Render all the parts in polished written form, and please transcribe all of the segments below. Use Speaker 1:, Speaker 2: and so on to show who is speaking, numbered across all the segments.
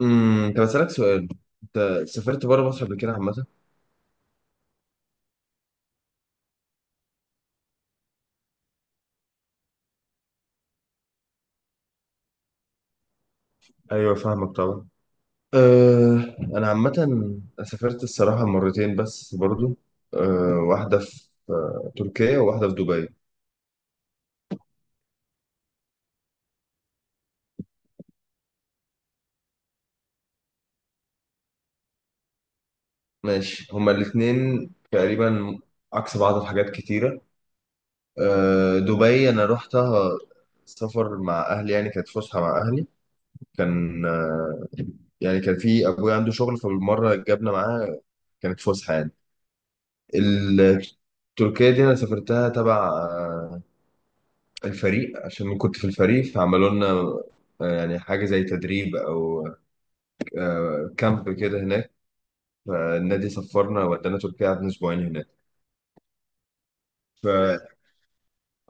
Speaker 1: طب اسالك سؤال. انت سافرت بره مصر قبل كده عامه؟ ايوه، فاهمك طبعا. أه، انا عامه سافرت الصراحه مرتين بس برضو. أه، واحده في تركيا وواحده في دبي. ماشي، هما الاثنين تقريبا عكس بعض في حاجات كتيره. أه، دبي انا رحتها سفر مع اهلي، يعني كانت فسحه مع اهلي. كان يعني كان في ابويا عنده شغل فبالمره جابنا معاه، كانت فسحه يعني. ال- تركيا دي انا سافرتها تبع الفريق، عشان كنت في الفريق فعملوا لنا يعني حاجه زي تدريب او كامب كده هناك. فالنادي سفرنا ودانا تركيا، قعدنا اسبوعين هناك. ف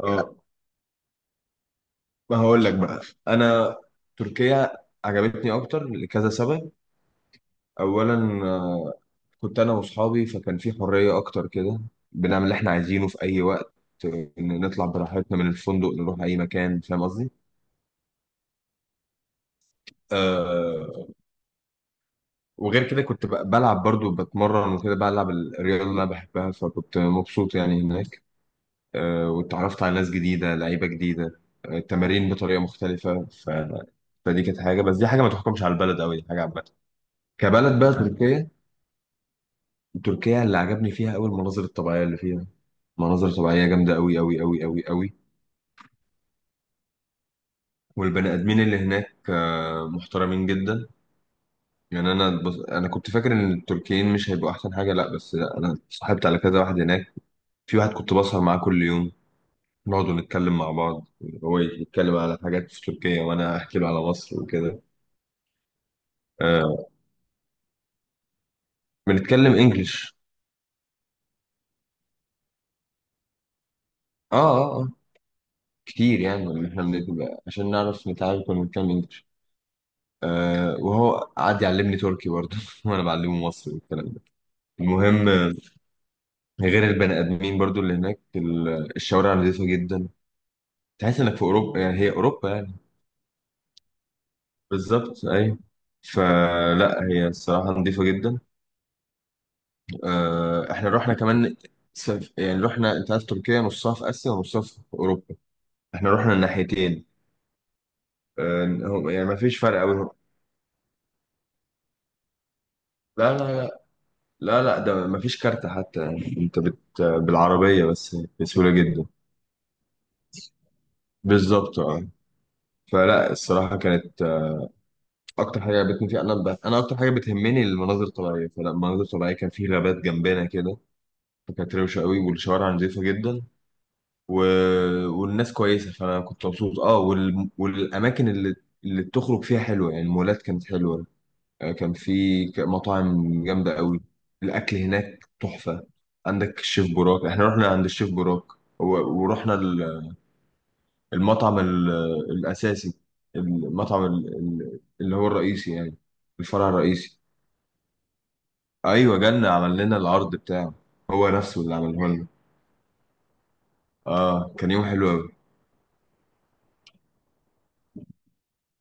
Speaker 1: اه ما هقول لك بقى، انا تركيا عجبتني اكتر لكذا سبب. اولا، آه، كنت انا واصحابي فكان في حريه اكتر كده، بنعمل اللي احنا عايزينه في اي وقت، إن نطلع براحتنا من الفندق نروح اي مكان. فاهم قصدي؟ آه، وغير كده كنت بلعب برضو، بتمرن وكده، بلعب الرياضة اللي أنا بحبها فكنت مبسوط يعني هناك. واتعرفت على ناس جديدة، لعيبة جديدة، تمارين بطريقة مختلفة فدي كانت حاجة. بس دي حاجة ما تحكمش على البلد أوي، دي حاجة عامة. كبلد بقى تركيا، تركيا اللي عجبني فيها أوي المناظر الطبيعية اللي فيها. مناظر طبيعية جامدة أوي أوي أوي أوي أوي. والبني آدمين اللي هناك محترمين جدا. يعني أنا أنا كنت فاكر إن التركيين مش هيبقوا أحسن حاجة، لأ، بس لأ، أنا صاحبت على كذا واحد هناك. في واحد كنت بسهر معاه كل يوم، نقعد نتكلم مع بعض، هو يتكلم على حاجات في تركيا وانا احكي له على مصر وكده. آه، بنتكلم انجلش. اه، اه، اه، كتير يعني. إن احنا بنبقى عشان نعرف نتعامل كنا بنتكلم انجلش. آه، وهو قعد يعلمني تركي برضه وانا بعلمه مصري والكلام ده. المهم، غير البني ادمين برضه اللي هناك، الشوارع نظيفة جدا. تحس انك في اوروبا، يعني هي اوروبا يعني. بالظبط، ايوه. فلا هي الصراحة نظيفة جدا. احنا رحنا كمان يعني رحنا، انت عارف تركيا نصها في اسيا ونصها في اوروبا، احنا رحنا الناحيتين. يعني ما فيش فرق قوي. لا، لا، لا، لا، لا، ده ما فيش كارت حتى. يعني انت بالعربيه بس، بسهوله جدا. بالظبط، اه. فلا الصراحه كانت اكتر حاجه عجبتني فيها، انا انا اكتر حاجه بتهمني المناظر الطبيعيه، فلا المناظر الطبيعيه كان في غابات جنبنا كده فكانت روشه قوي، والشوارع نظيفه جدا و... والناس كويسه، فانا كنت مبسوط. اه، والاماكن اللي اللي بتخرج فيها حلوه، يعني المولات كانت حلوه. كان في مطاعم جامده قوي. الاكل هناك تحفه. عندك الشيف براك، احنا رحنا عند الشيف براك و... ورحنا المطعم الاساسي، المطعم اللي هو الرئيسي يعني، الفرع الرئيسي. ايوه، جالنا عمل لنا العرض بتاعه، هو نفسه اللي عمله لنا. اه، كان يوم حلو قوي.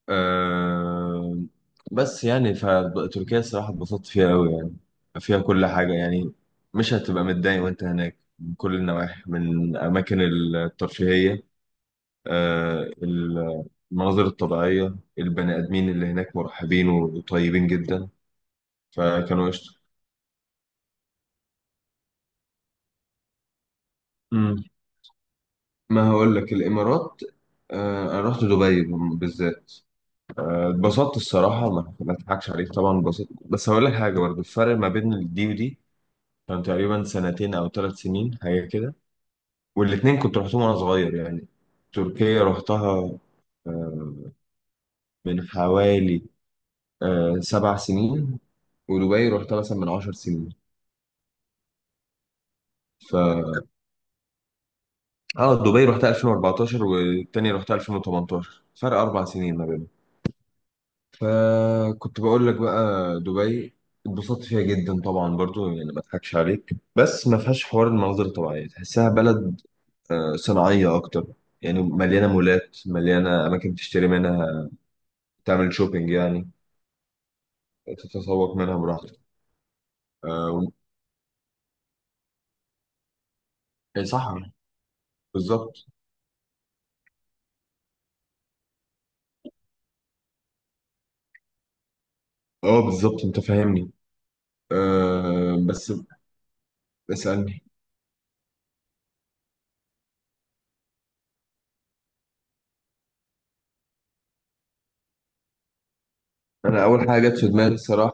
Speaker 1: آه، بس يعني فتركيا الصراحة اتبسطت فيها أوي، يعني فيها كل حاجة يعني. مش هتبقى متضايق وأنت هناك من كل النواحي، من أماكن الترفيهية، آه ال- المناظر الطبيعية، البني آدمين اللي هناك مرحبين وطيبين جدا، فكانوا قشطة. مم. ما هقول لك، الإمارات، آه، أنا رحت دبي بالذات. اتبسطت الصراحة، ما أضحكش عليك، طبعا اتبسطت، بس هقول لك حاجة برضه: الفرق ما بين دي ودي كان تقريبا سنتين أو 3 سنين حاجة كده، والاتنين كنت رحتهم وأنا صغير يعني. تركيا رحتها آه، من حوالي 7 سنين، ودبي رحتها مثلا من 10 سنين. ف اه دبي رحتها 2014 والتاني رحتها 2018، فرق 4 سنين ما بينهم. فكنت بقول لك بقى دبي اتبسطت فيها جدا طبعا برضو، يعني ما اضحكش عليك، بس ما فيهاش حوار المناظر الطبيعيه، تحسها بلد صناعية أكتر. يعني مليانة مولات، مليانة أماكن تشتري منها، تعمل شوبينج يعني، تتسوق منها براحتك. آه، و- صح. بالظبط، اه، بالظبط، انت فاهمني. بس، اسألني. أنا أول حاجة جت في دماغي الصراحة،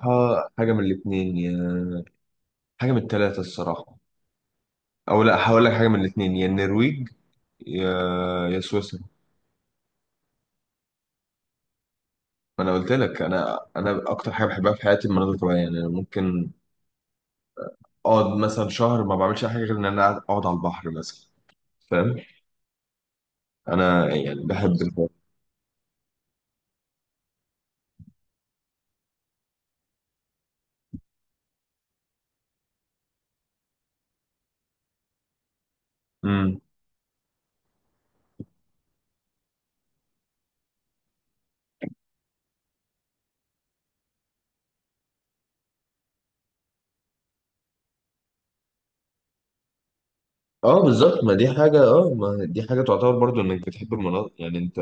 Speaker 1: حاجة من الاتنين، يا حاجة من التلاتة الصراحة. أو لا، هقول لك حاجة من الاتنين، يا النرويج يا يا سويسرا. ما أنا قلت لك، أنا أكتر حاجة بحبها في حياتي المناظر الطبيعية. يعني أنا ممكن أقعد مثلا شهر ما بعملش أي حاجة غير إن أنا أقعد على البحر مثلا. فاهم؟ انا يعني بحب الحوار. امم، اه بالظبط، ما دي حاجة. اه، ما دي حاجة تعتبر برضو انك بتحب المناطق، يعني انت.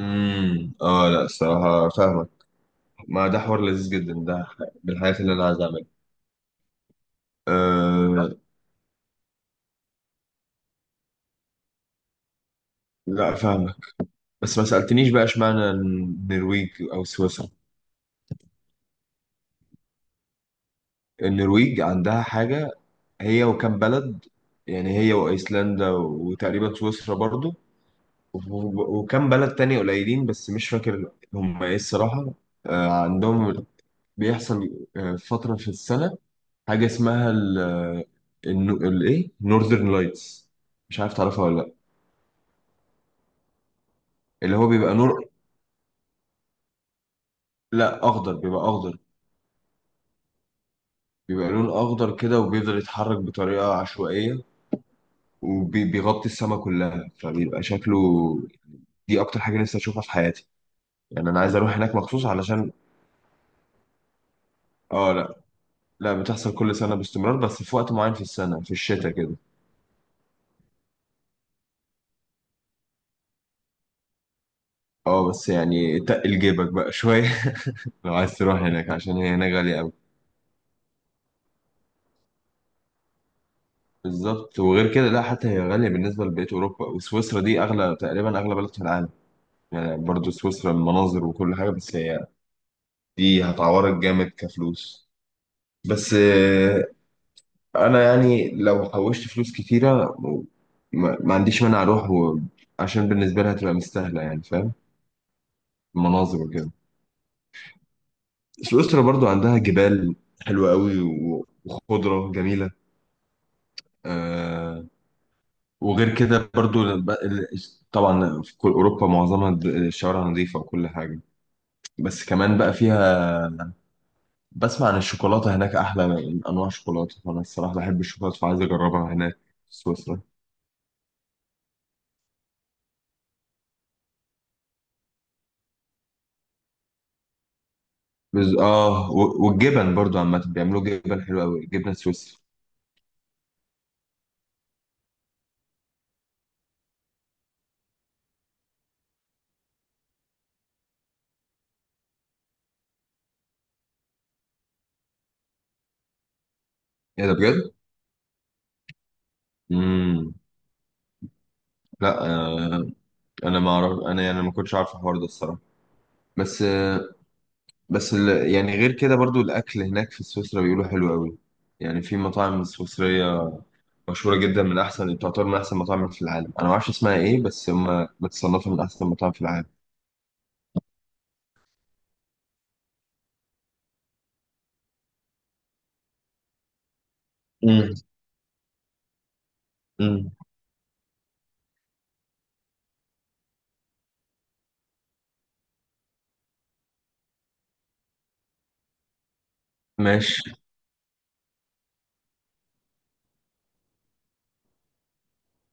Speaker 1: امم، اه لا الصراحة فاهمك، ما ده حوار لذيذ جدا، ده من الحاجات اللي انا عايز اعملها. آه لا، فاهمك. بس ما سألتنيش بقى، اشمعنى النرويج او سويسرا؟ النرويج عندها حاجة، هي وكم بلد، يعني هي وايسلندا وتقريبا سويسرا برضو، وف- وكم بلد تاني قليلين بس مش فاكر هم ايه الصراحة. آه، عندهم بيحصل فترة في السنة حاجة اسمها ال آه، الايه، نورذرن لايتس. مش عارف تعرفها ولا لا؟ اللي هو بيبقى نور. لا، اخضر، بيبقى اخضر. بيبقى لون اخضر كده، وبيفضل يتحرك بطريقة عشوائية، وبيغطي السماء كلها، فبيبقى شكله. دي اكتر حاجة نفسي اشوفها في حياتي، يعني انا عايز اروح هناك مخصوص علشان. اه لا، لا بتحصل كل سنة باستمرار، بس في وقت معين في السنة، في الشتاء كده. اه بس يعني تقل جيبك بقى شوية لو عايز تروح هناك، عشان هي هناك غالية. بالظبط. وغير كده، لا حتى هي غالية بالنسبة لبقية أوروبا، وسويسرا دي أغلى، تقريبا أغلى بلد في العالم. يعني برضو سويسرا المناظر وكل حاجة، بس هي دي هتعورك جامد كفلوس. بس أنا يعني لو حوشت فلوس كتيرة، ما عنديش مانع أروح و... عشان بالنسبة لها هتبقى مستاهلة يعني. فاهم؟ المناظر وكده. سويسرا برضو عندها جبال حلوة قوي، وخضرة جميلة. آه، وغير كده برضو طبعا في كل اوروبا معظمها الشوارع نظيفه وكل حاجه، بس كمان بقى فيها، بسمع عن الشوكولاته هناك احلى من انواع الشوكولاته، فانا الصراحه بحب الشوكولاته فعايز اجربها هناك في سويسرا. اه، والجبن برضو عامه، بيعملوا جبن حلو قوي، الجبنه السويسري. ايه ده بجد؟ امم، لا. آه، انا ما اعرف، انا يعني ما كنتش عارف الحوار ده الصراحه. بس آه، بس يعني غير كده برضو الاكل هناك في سويسرا بيقولوا حلو قوي، يعني في مطاعم سويسرية مشهورة جدا، من أحسن، تعتبر من أحسن مطاعم في العالم. أنا ما أعرفش اسمها إيه، بس هما بتصنفها من أحسن مطاعم في العالم. امم. امم. ماشي.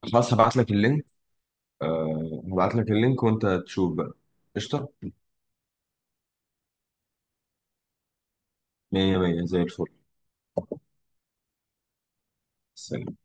Speaker 1: خلاص، هبعت لك اللينك، آه، هبعت لك اللينك وأنت تشوف بقى. قشطة. مية مية زي الفل.